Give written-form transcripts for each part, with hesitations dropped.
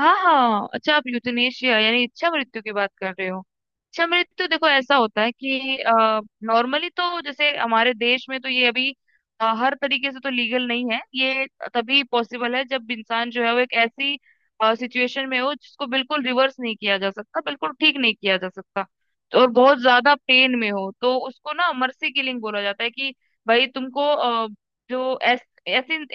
हाँ हाँ, अच्छा। आप यूथनेशिया यानी इच्छा मृत्यु की बात कर रहे हो। इच्छा मृत्यु, देखो ऐसा होता है कि नॉर्मली तो जैसे हमारे देश में तो ये अभी हर तरीके से तो लीगल नहीं है ये। तभी पॉसिबल है जब इंसान जो है वो एक ऐसी सिचुएशन में हो जिसको बिल्कुल रिवर्स नहीं किया जा सकता, बिल्कुल ठीक नहीं किया जा सकता, तो और बहुत ज्यादा पेन में हो, तो उसको ना मर्सी किलिंग बोला जाता है कि भाई तुमको अ, जो ऐसे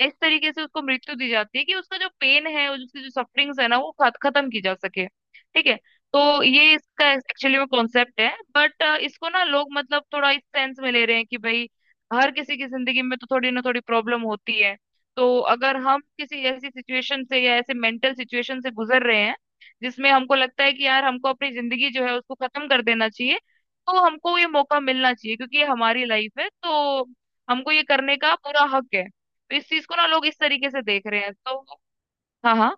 इस तरीके से उसको मृत्यु दी जाती है कि उसका जो पेन है और उसकी जो सफरिंग्स है ना वो खत्म की जा सके, ठीक है। तो ये इसका एक्चुअली में कॉन्सेप्ट है। बट इसको ना लोग मतलब थोड़ा इस सेंस में ले रहे हैं कि भाई हर किसी की जिंदगी में तो थोड़ी ना थोड़ी प्रॉब्लम होती है। तो अगर हम किसी ऐसी सिचुएशन से या ऐसे मेंटल सिचुएशन से गुजर रहे हैं जिसमें हमको लगता है कि यार हमको अपनी जिंदगी जो है उसको खत्म कर देना चाहिए, तो हमको ये मौका मिलना चाहिए, क्योंकि ये हमारी लाइफ है तो हमको ये करने का पूरा हक है। तो इस चीज को ना लोग इस तरीके से देख रहे हैं तो। हाँ हाँ।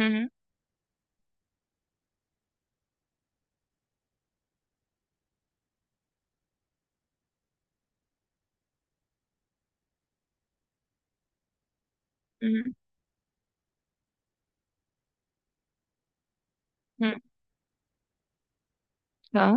हम्म हम्म। हम्म। हाँ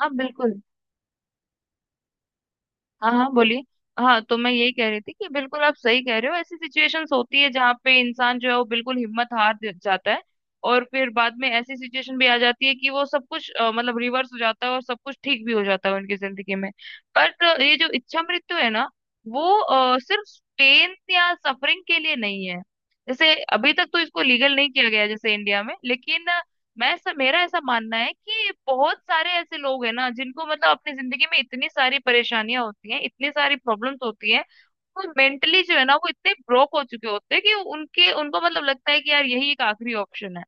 हाँ बिल्कुल। हाँ हाँ, बोलिए। हाँ तो मैं यही कह रही थी कि बिल्कुल आप सही कह रहे हो। ऐसी सिचुएशंस होती है जहाँ पे इंसान जो है वो बिल्कुल हिम्मत हार जाता है। और फिर बाद में ऐसी सिचुएशन भी आ जाती है कि वो सब कुछ मतलब रिवर्स हो जाता है और सब कुछ ठीक भी हो जाता है उनकी जिंदगी में। बट ये जो इच्छा मृत्यु है ना वो सिर्फ पेन या सफरिंग के लिए नहीं है। जैसे अभी तक तो इसको लीगल नहीं किया गया है जैसे इंडिया में, लेकिन मैं ऐसा मेरा ऐसा मानना है कि बहुत सारे ऐसे लोग हैं ना जिनको मतलब अपनी जिंदगी में इतनी सारी परेशानियां होती हैं, इतनी सारी प्रॉब्लम्स होती हैं। वो मेंटली जो है ना वो इतने ब्रोक हो चुके होते हैं कि उनके उनको मतलब लगता है कि यार यही एक आखिरी ऑप्शन है।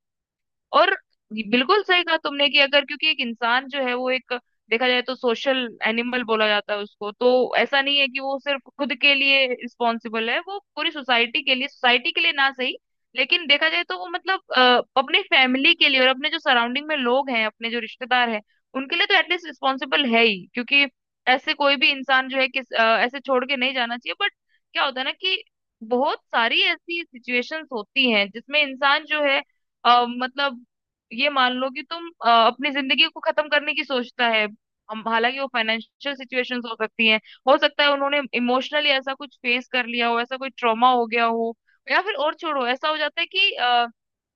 और बिल्कुल सही कहा तुमने कि अगर, क्योंकि एक इंसान जो है वो एक, देखा जाए तो सोशल एनिमल बोला जाता है उसको तो। ऐसा नहीं है कि वो सिर्फ खुद के लिए रिस्पॉन्सिबल है, वो पूरी सोसाइटी के लिए ना सही लेकिन देखा जाए तो वो मतलब अपने फैमिली के लिए और अपने जो सराउंडिंग में लोग हैं, अपने जो रिश्तेदार हैं, उनके लिए तो एटलीस्ट रिस्पॉन्सिबल है ही, क्योंकि ऐसे कोई भी इंसान जो है ऐसे छोड़ के नहीं जाना चाहिए। बट क्या होता है ना कि बहुत सारी ऐसी सिचुएशंस होती हैं जिसमें इंसान जो है मतलब ये मान लो कि तुम अपनी जिंदगी को खत्म करने की सोचता है। हम हालांकि वो फाइनेंशियल सिचुएशंस हो सकती हैं, हो सकता है उन्होंने इमोशनली ऐसा कुछ फेस कर लिया हो, ऐसा कोई ट्रॉमा हो गया हो, या फिर और छोड़ो ऐसा हो जाता है कि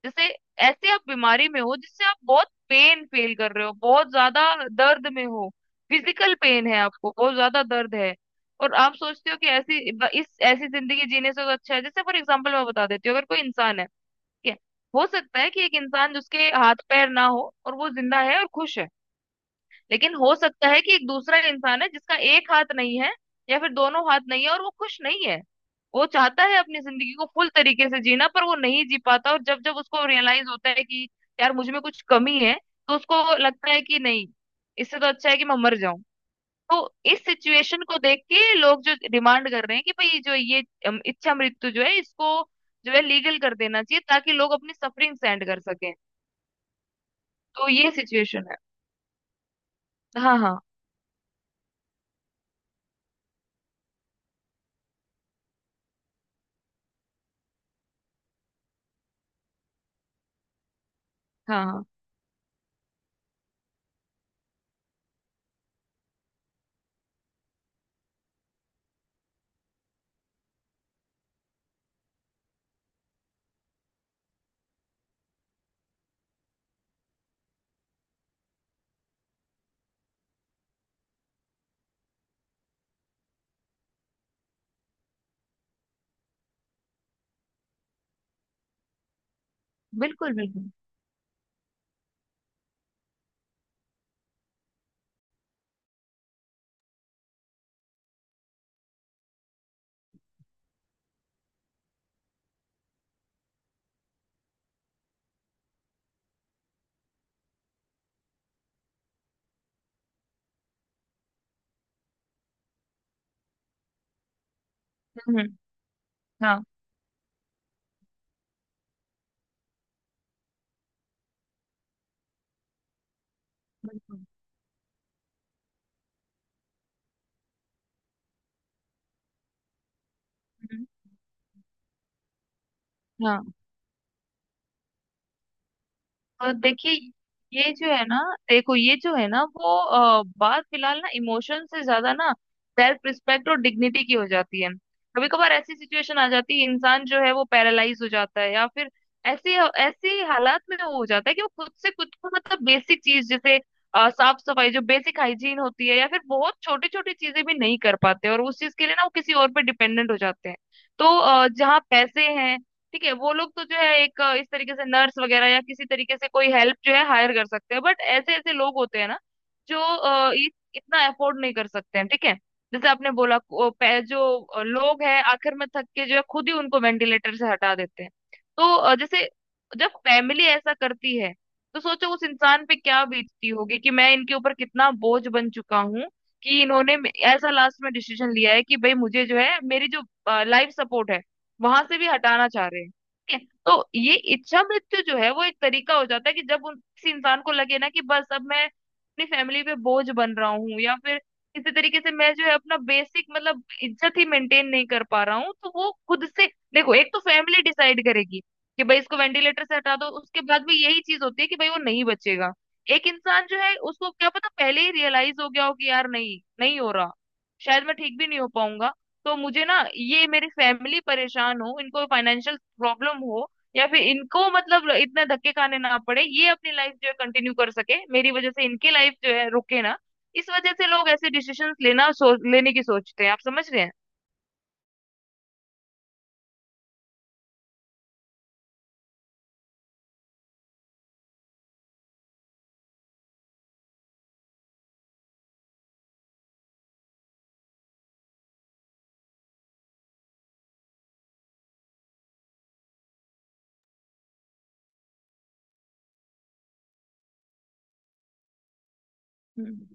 जैसे ऐसे आप बीमारी में हो जिससे आप बहुत पेन फील कर रहे हो, बहुत ज्यादा दर्द में हो, फिजिकल पेन है आपको, बहुत ज्यादा दर्द है, और आप सोचते हो कि ऐसी इस ऐसी जिंदगी जीने से तो अच्छा है, जैसे फॉर एग्जांपल मैं बता देती हूँ, अगर कोई इंसान है। हो सकता है कि एक इंसान जिसके हाथ पैर ना हो और वो जिंदा है और खुश है। लेकिन हो सकता है कि एक दूसरा इंसान है जिसका एक हाथ नहीं है, या फिर दोनों हाथ नहीं है और वो खुश नहीं है। वो चाहता है अपनी जिंदगी को फुल तरीके से जीना पर वो नहीं जी पाता, और जब जब उसको रियलाइज होता है कि यार मुझ में कुछ कमी है, तो उसको लगता है कि नहीं, इससे तो अच्छा है कि मैं मर जाऊं। तो इस सिचुएशन को देख के लोग जो डिमांड कर रहे हैं कि भाई जो ये इच्छा मृत्यु जो है इसको जो है लीगल कर देना चाहिए ताकि लोग अपनी सफरिंग एंड कर सकें। तो ये सिचुएशन है। हाँ हाँ। हाँ हाँ बिल्कुल। बिल्कुल। हम्म। हाँ बिल्कुल। हम्म। हाँ, और देखिए ये जो है ना देखो ये जो है ना, वो बात फिलहाल ना इमोशन से ज्यादा ना सेल्फ रिस्पेक्ट और डिग्निटी की हो जाती है। कभी कभार ऐसी सिचुएशन आ जाती है, इंसान जो है वो पैरालाइज हो जाता है, या फिर ऐसी ऐसी हालात में वो हो जाता है कि वो खुद से खुद को मतलब बेसिक चीज जैसे साफ सफाई जो बेसिक हाइजीन होती है या फिर बहुत छोटी छोटी चीजें भी नहीं कर पाते, और उस चीज के लिए ना वो किसी और पे डिपेंडेंट हो जाते हैं। तो जहाँ पैसे हैं, ठीक है, वो लोग तो जो है एक इस तरीके से नर्स वगैरह या किसी तरीके से कोई हेल्प जो है हायर कर सकते हैं। बट ऐसे ऐसे लोग होते हैं ना जो इतना अफोर्ड नहीं कर सकते हैं, ठीक है। जैसे आपने बोला जो लोग हैं आखिर में थक के जो है खुद ही उनको वेंटिलेटर से हटा देते हैं। तो जैसे जब फैमिली ऐसा करती है, तो सोचो उस इंसान पे क्या बीतती होगी कि मैं इनके ऊपर कितना बोझ बन चुका हूँ, कि इन्होंने ऐसा लास्ट में डिसीजन लिया है कि भाई मुझे जो है मेरी जो लाइफ सपोर्ट है वहां से भी हटाना चाह रहे हैं। ठीक है, तो ये इच्छा मृत्यु जो है वो एक तरीका हो जाता है कि जब उन किसी इंसान को लगे ना कि बस अब मैं अपनी फैमिली पे बोझ बन रहा हूँ, या फिर किसी तरीके से मैं जो है अपना बेसिक मतलब इज्जत ही मेंटेन नहीं कर पा रहा हूँ, तो वो खुद से। देखो, एक तो फैमिली डिसाइड करेगी कि भाई इसको वेंटिलेटर से हटा दो, उसके बाद भी यही चीज होती है कि भाई वो नहीं बचेगा। एक इंसान जो है उसको क्या पता पहले ही रियलाइज हो गया हो कि यार नहीं, नहीं हो रहा, शायद मैं ठीक भी नहीं हो पाऊंगा, तो मुझे ना ये मेरी फैमिली परेशान हो, इनको फाइनेंशियल प्रॉब्लम हो, या फिर इनको मतलब इतने धक्के खाने ना पड़े, ये अपनी लाइफ जो है कंटिन्यू कर सके, मेरी वजह से इनकी लाइफ जो है रुके ना, इस वजह से लोग ऐसे डिसीजंस लेने की सोचते हैं। आप समझ रहे हैं। हम्म।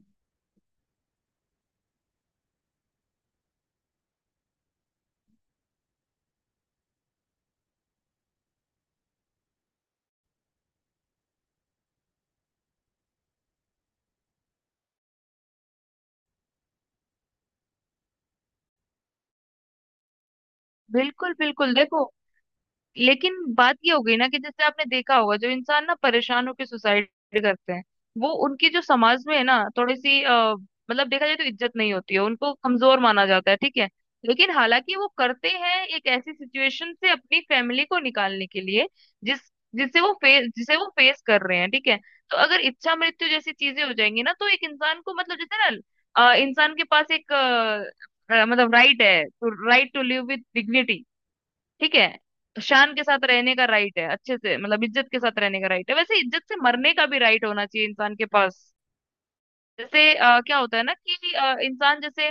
बिल्कुल बिल्कुल। देखो, लेकिन बात ये हो गई ना कि जैसे आपने देखा होगा जो इंसान ना परेशान होकर सुसाइड करते हैं वो, उनकी जो समाज में है ना थोड़ी सी मतलब देखा जाए तो इज्जत नहीं होती है, उनको कमजोर माना जाता है, ठीक है। लेकिन हालांकि वो करते हैं एक ऐसी सिचुएशन से अपनी फैमिली को निकालने के लिए जिस जिसे वो फेस कर रहे हैं, ठीक है। तो अगर इच्छा मृत्यु जैसी चीजें हो जाएंगी ना तो एक इंसान को मतलब जैसे ना इंसान के पास एक मतलब राइट है तो right to live with dignity, ठीक है। शान के साथ रहने का राइट है, अच्छे से मतलब इज्जत के साथ रहने का राइट है, वैसे इज्जत से मरने का भी राइट होना चाहिए इंसान के पास। जैसे क्या होता है ना कि इंसान जैसे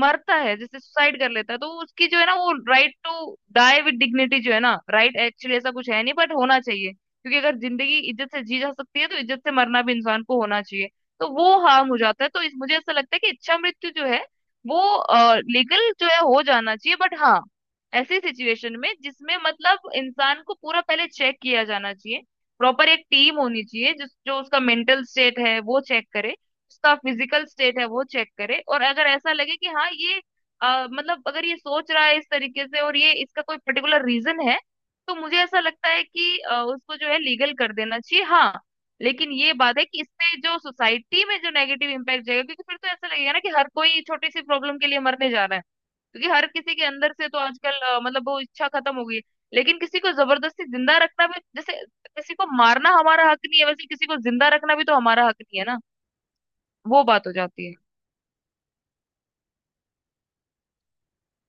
मरता है, जैसे सुसाइड कर लेता है, तो उसकी जो है ना वो right to die with dignity जो है ना राइट एक्चुअली ऐसा कुछ है नहीं, बट होना चाहिए, क्योंकि अगर जिंदगी इज्जत से जी जा सकती है तो इज्जत से मरना भी इंसान को होना चाहिए। तो वो हार्म हो जाता है, तो इस मुझे ऐसा लगता है कि इच्छा मृत्यु जो है वो लीगल जो है हो जाना चाहिए, बट हाँ, ऐसी सिचुएशन में जिसमें मतलब इंसान को पूरा पहले चेक किया जाना चाहिए। प्रॉपर एक टीम होनी चाहिए जिस जो उसका मेंटल स्टेट है वो चेक करे, उसका फिजिकल स्टेट है वो चेक करे, और अगर ऐसा लगे कि हाँ ये मतलब अगर ये सोच रहा है इस तरीके से और ये इसका कोई पर्टिकुलर रीजन है, तो मुझे ऐसा लगता है कि उसको जो है लीगल कर देना चाहिए, हाँ। लेकिन ये बात है कि इससे जो सोसाइटी में जो नेगेटिव इम्पैक्ट जाएगा, क्योंकि फिर तो ऐसा लगेगा ना कि हर कोई छोटी सी प्रॉब्लम के लिए मरने जा रहा है, क्योंकि हर किसी के अंदर से तो आजकल मतलब वो इच्छा खत्म हो गई है। लेकिन किसी को जबरदस्ती जिंदा रखना भी, जैसे किसी को मारना हमारा हक नहीं है, वैसे किसी को जिंदा रखना भी तो हमारा हक नहीं है ना, वो बात हो जाती है।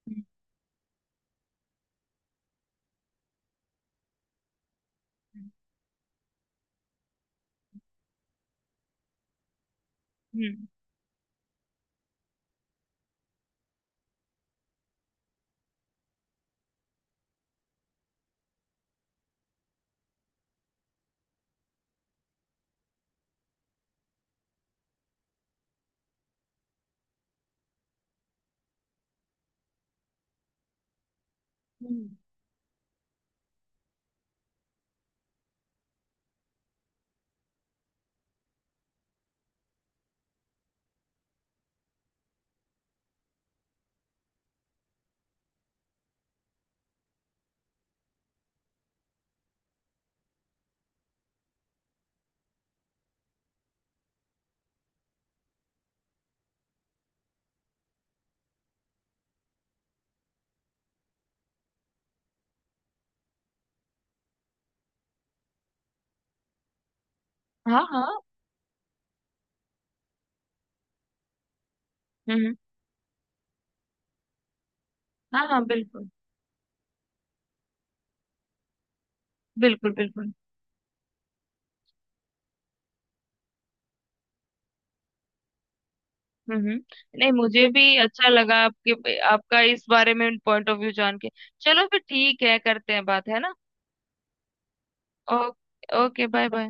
हम्म। हम्म हम्म। हाँ हाँ। हम्म। हाँ हाँ बिल्कुल बिल्कुल बिल्कुल। हम्म हम्म। नहीं, मुझे भी अच्छा लगा आपके आपका इस बारे में पॉइंट ऑफ व्यू जान के। चलो फिर ठीक है, करते हैं बात, है ना। Oh, okay, bye bye.